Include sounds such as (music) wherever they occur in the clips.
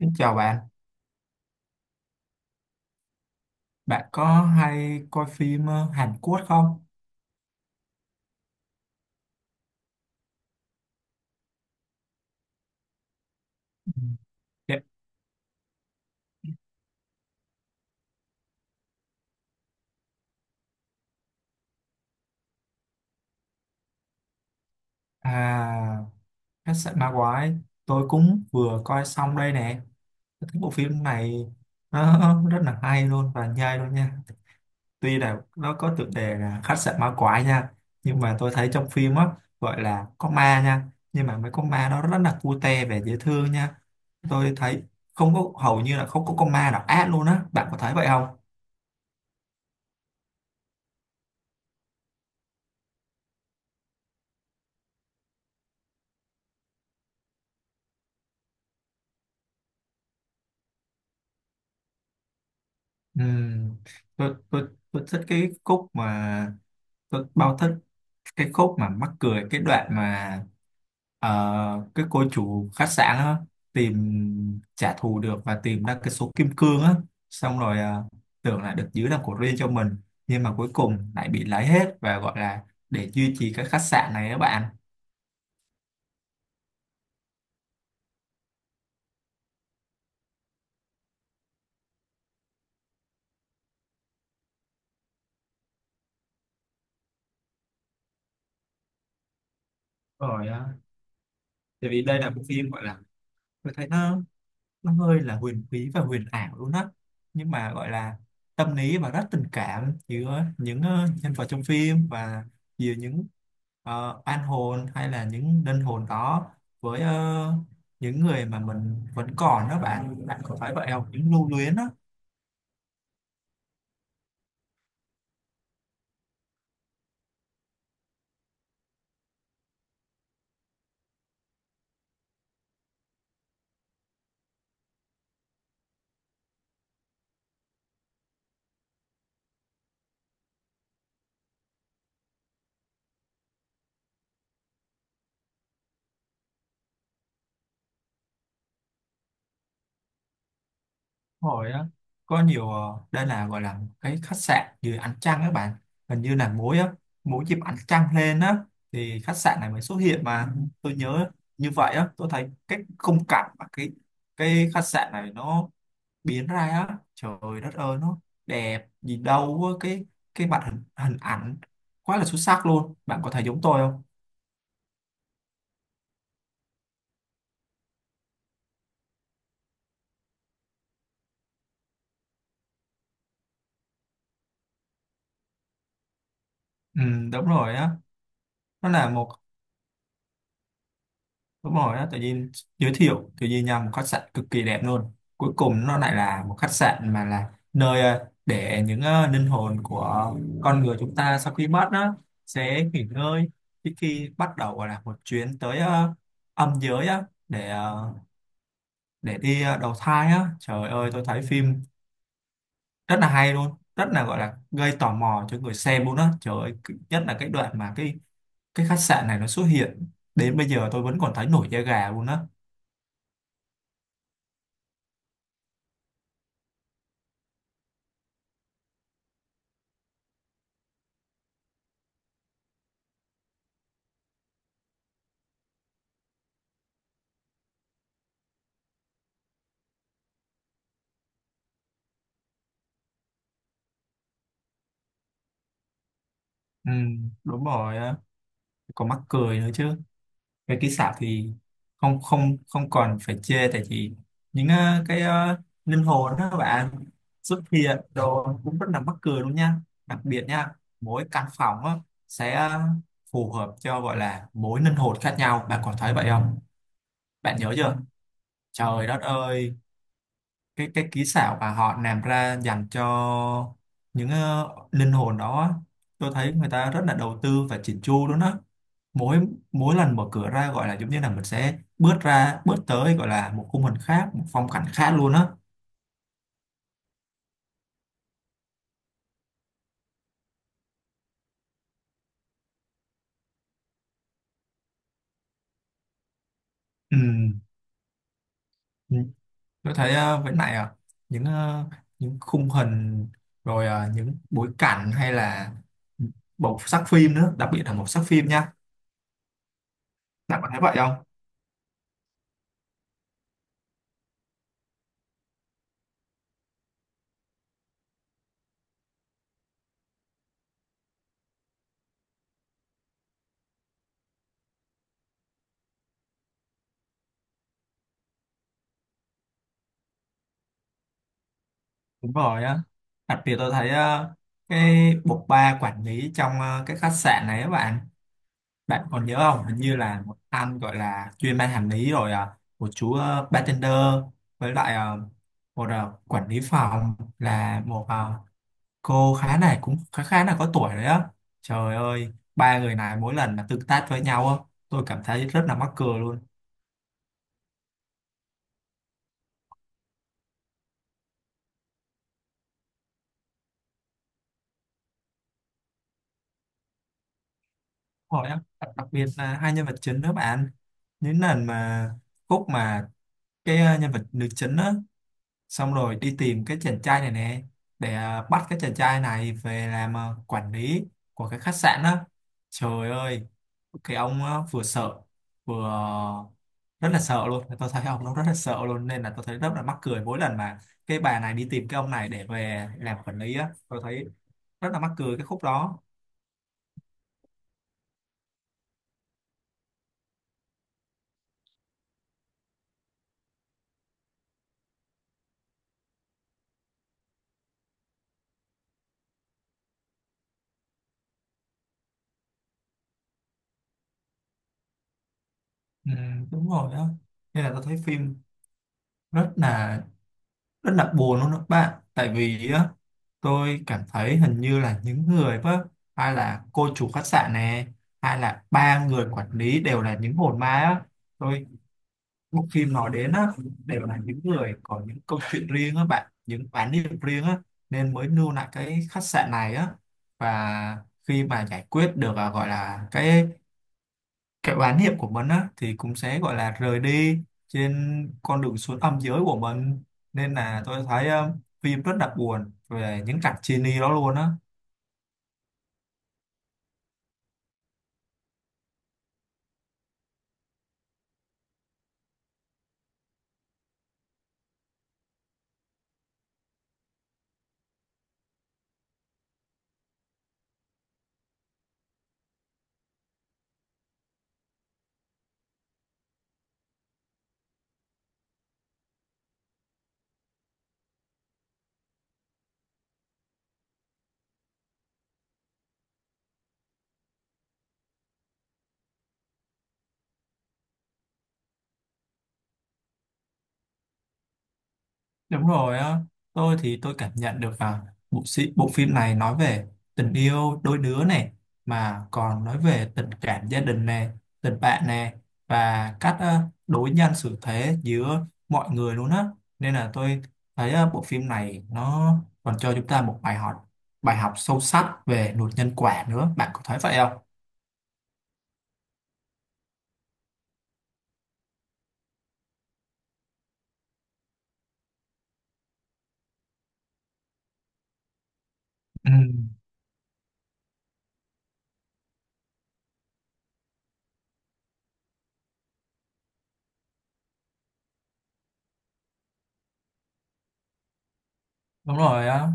Xin chào bạn, bạn có hay coi phim Hàn Quốc không? Ừ. Dạ. À, khách sạn ma quái, tôi cũng vừa coi xong đây nè. Tôi thấy bộ phim này nó rất là hay luôn và nhây luôn nha. Tuy là nó có tựa đề là khách sạn ma quái nha, nhưng mà tôi thấy trong phim á gọi là có ma nha, nhưng mà mấy con ma nó rất là cute và dễ thương nha. Tôi thấy không có hầu như là không có con ma nào ác luôn á, bạn có thấy vậy không? Ừ, tôi thích cái khúc mà tôi bao thích cái khúc mà mắc cười cái đoạn mà cái cô chủ khách sạn á, tìm trả thù được và tìm ra cái số kim cương á xong rồi tưởng là được giữ làm của riêng cho mình nhưng mà cuối cùng lại bị lấy hết và gọi là để duy trì cái khách sạn này các bạn rồi tại vì đây là bộ phim gọi là tôi thấy nó hơi là huyền bí và huyền ảo luôn á nhưng mà gọi là tâm lý và rất tình cảm giữa những nhân vật trong phim và giữa những an hồn hay là những linh hồn đó với những người mà mình vẫn còn đó bạn bạn có phải vậy không những lưu luyến đó. Hồi á có nhiều đây là gọi là một cái khách sạn dưới ánh trăng các bạn hình như là mỗi á mỗi dịp ánh trăng lên á thì khách sạn này mới xuất hiện mà. Ừ, tôi nhớ như vậy á, tôi thấy cái khung cảnh mà cái khách sạn này nó biến ra á trời đất ơi nó đẹp gì đâu á. Cái mặt hình hình ảnh quá là xuất sắc luôn, bạn có thấy giống tôi không? Ừ, đúng rồi á, nó là một. Đúng rồi á, tự nhiên giới thiệu tự nhiên nhầm một khách sạn cực kỳ đẹp luôn cuối cùng nó lại là một khách sạn mà là nơi để những linh hồn của con người chúng ta sau khi mất đó sẽ nghỉ ngơi trước khi bắt đầu gọi là một chuyến tới âm giới á để để đi đầu thai á trời ơi tôi thấy phim rất là hay luôn rất là gọi là gây tò mò cho người xem luôn á trời ơi cứ- nhất là cái đoạn mà cái khách sạn này nó xuất hiện đến bây giờ tôi vẫn còn thấy nổi da gà luôn á. Ừ, đúng rồi á. Còn mắc cười nữa chứ, cái kỹ xảo thì không không không còn phải chê tại vì những cái linh hồn đó các bạn xuất hiện đồ cũng rất là mắc cười luôn nha, đặc biệt nha mỗi căn phòng á, sẽ phù hợp cho gọi là mỗi linh hồn khác nhau, bạn còn thấy vậy không? Bạn nhớ chưa? Trời đất ơi cái kỹ xảo mà họ làm ra dành cho những linh hồn đó tôi thấy người ta rất là đầu tư và chỉn chu luôn á, mỗi mỗi lần mở cửa ra gọi là giống như là mình sẽ bước ra bước tới gọi là một khung hình khác một phong cảnh khác luôn á. Ừ. Ừ. Tôi thấy với lại những những khung hình rồi những bối cảnh hay là màu sắc phim nữa đặc biệt là màu sắc phim nha, bạn có thấy vậy không? Đúng rồi á, đặc biệt tôi thấy cái bộ ba quản lý trong cái khách sạn này á bạn. Bạn còn nhớ không? Hình như là một anh gọi là chuyên ban hành lý rồi à, một chú bartender với lại một quản lý phòng là một cô khá này cũng khá khá là có tuổi đấy á. Trời ơi, ba người này mỗi lần mà tương tác với nhau á, tôi cảm thấy rất là mắc cười luôn. Đúng rồi á, đặc biệt là hai nhân vật chính đó bạn. Những lần mà khúc mà cái nhân vật nữ chính á xong rồi đi tìm cái chàng trai này nè để à, bắt cái chàng trai này về làm à, quản lý của cái khách sạn đó trời ơi cái ông á, vừa sợ vừa à, rất là sợ luôn tôi thấy ông nó rất là sợ luôn nên là tôi thấy rất là mắc cười mỗi lần mà cái bà này đi tìm cái ông này để về làm quản lý á tôi thấy rất là mắc cười cái khúc đó. Ừ, đúng rồi đó, nên là tôi thấy phim rất là rất là buồn luôn đó các bạn tại vì á, tôi cảm thấy hình như là những người đó hay là cô chủ khách sạn này hay là ba người quản lý đều là những hồn ma á, tôi bộ phim nói đến á đều là những người có những câu chuyện riêng á bạn những án điểm riêng á nên mới lưu lại cái khách sạn này á và khi mà giải quyết được à, gọi là cái oán niệm của mình á thì cũng sẽ gọi là rời đi trên con đường xuống âm giới của mình nên là tôi thấy phim rất là buồn về những cảnh chia ly đó luôn á. Đúng rồi á, tôi thì tôi cảm nhận được là bộ sĩ, bộ phim này nói về tình yêu đôi đứa này mà còn nói về tình cảm gia đình này, tình bạn này và cách đối nhân xử thế giữa mọi người luôn á. Nên là tôi thấy bộ phim này nó còn cho chúng ta một bài học sâu sắc về luật nhân quả nữa. Bạn có thấy vậy không? Ừ, đúng rồi á.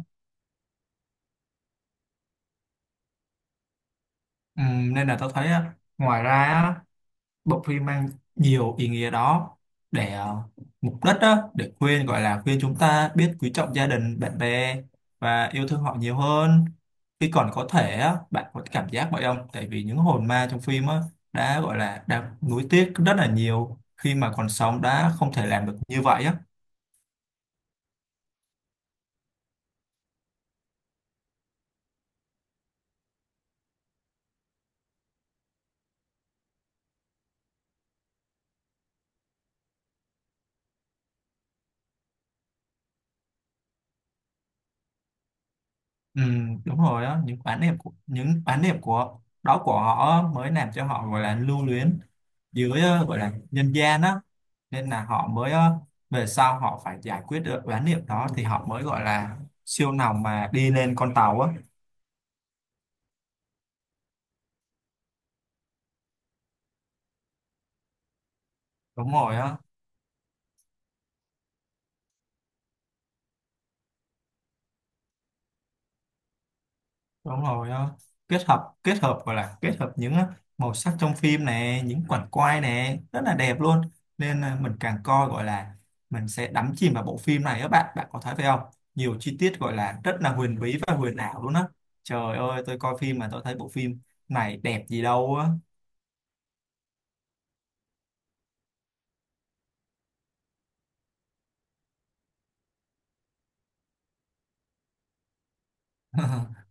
Ừ, nên là tôi thấy á, ngoài ra á, bộ phim mang nhiều ý nghĩa đó để mục đích đó để khuyên gọi là khuyên chúng ta biết quý trọng gia đình bạn bè và yêu thương họ nhiều hơn khi còn có thể á, bạn có cảm giác vậy không tại vì những hồn ma trong phim á, đã gọi là đã nuối tiếc rất là nhiều khi mà còn sống đã không thể làm được như vậy á. Ừ, đúng rồi á những oán niệm của những oán niệm của đó của họ mới làm cho họ gọi là lưu luyến dưới gọi là nhân gian á nên là họ mới về sau họ phải giải quyết được bán niệm đó thì họ mới gọi là siêu lòng mà đi lên con tàu á. Đúng rồi á. Đúng rồi á, kết hợp gọi là kết hợp những màu sắc trong phim này những qucảnh quay này rất là đẹp luôn nên là mình càng coi gọi là mình sẽ đắm chìm vào bộ phim này á bạn bạn có thấy phải không, nhiều chi tiết gọi là rất là huyền bí và huyền ảo luôn á, trời ơi tôi coi phim mà tôi thấy bộ phim này đẹp gì đâu á. (laughs)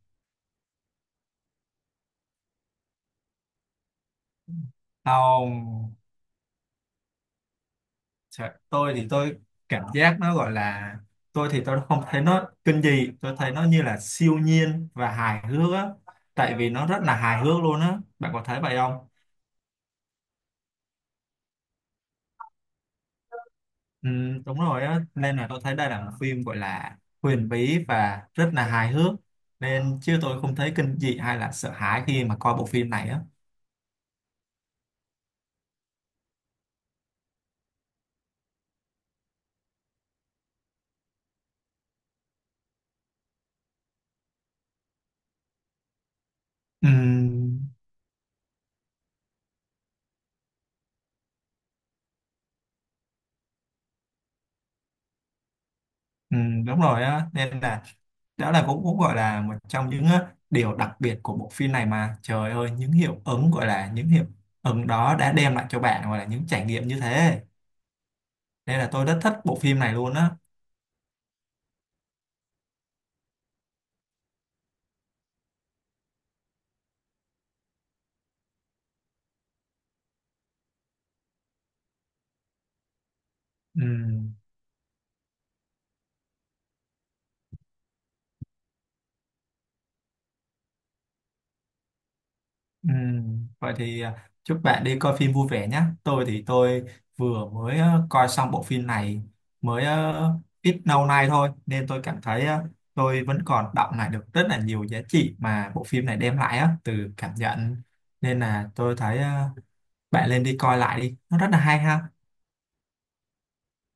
Không. Dạ, tôi thì tôi cảm giác nó gọi là tôi thì tôi không thấy nó kinh dị, tôi thấy nó như là siêu nhiên và hài hước á tại vì nó rất là hài hước luôn á, bạn có thấy vậy không? Ừ, đúng rồi á nên là tôi thấy đây là một phim gọi là huyền bí và rất là hài hước nên chứ tôi không thấy kinh dị hay là sợ hãi khi mà coi bộ phim này á. Ừ. Ừ, đúng rồi á nên là đó là cũng cũng gọi là một trong những á, điều đặc biệt của bộ phim này mà trời ơi những hiệu ứng gọi là những hiệu ứng đó đã đem lại cho bạn gọi là những trải nghiệm như thế nên là tôi rất thích bộ phim này luôn á. Ừ. Ừ, vậy thì à, chúc bạn đi coi phim vui vẻ nhé. Tôi thì tôi vừa mới coi xong bộ phim này mới ít lâu nay thôi nên tôi cảm thấy tôi vẫn còn đọng lại được rất là nhiều giá trị mà bộ phim này đem lại á từ cảm nhận nên là tôi thấy bạn nên đi coi lại đi. Nó rất là hay ha.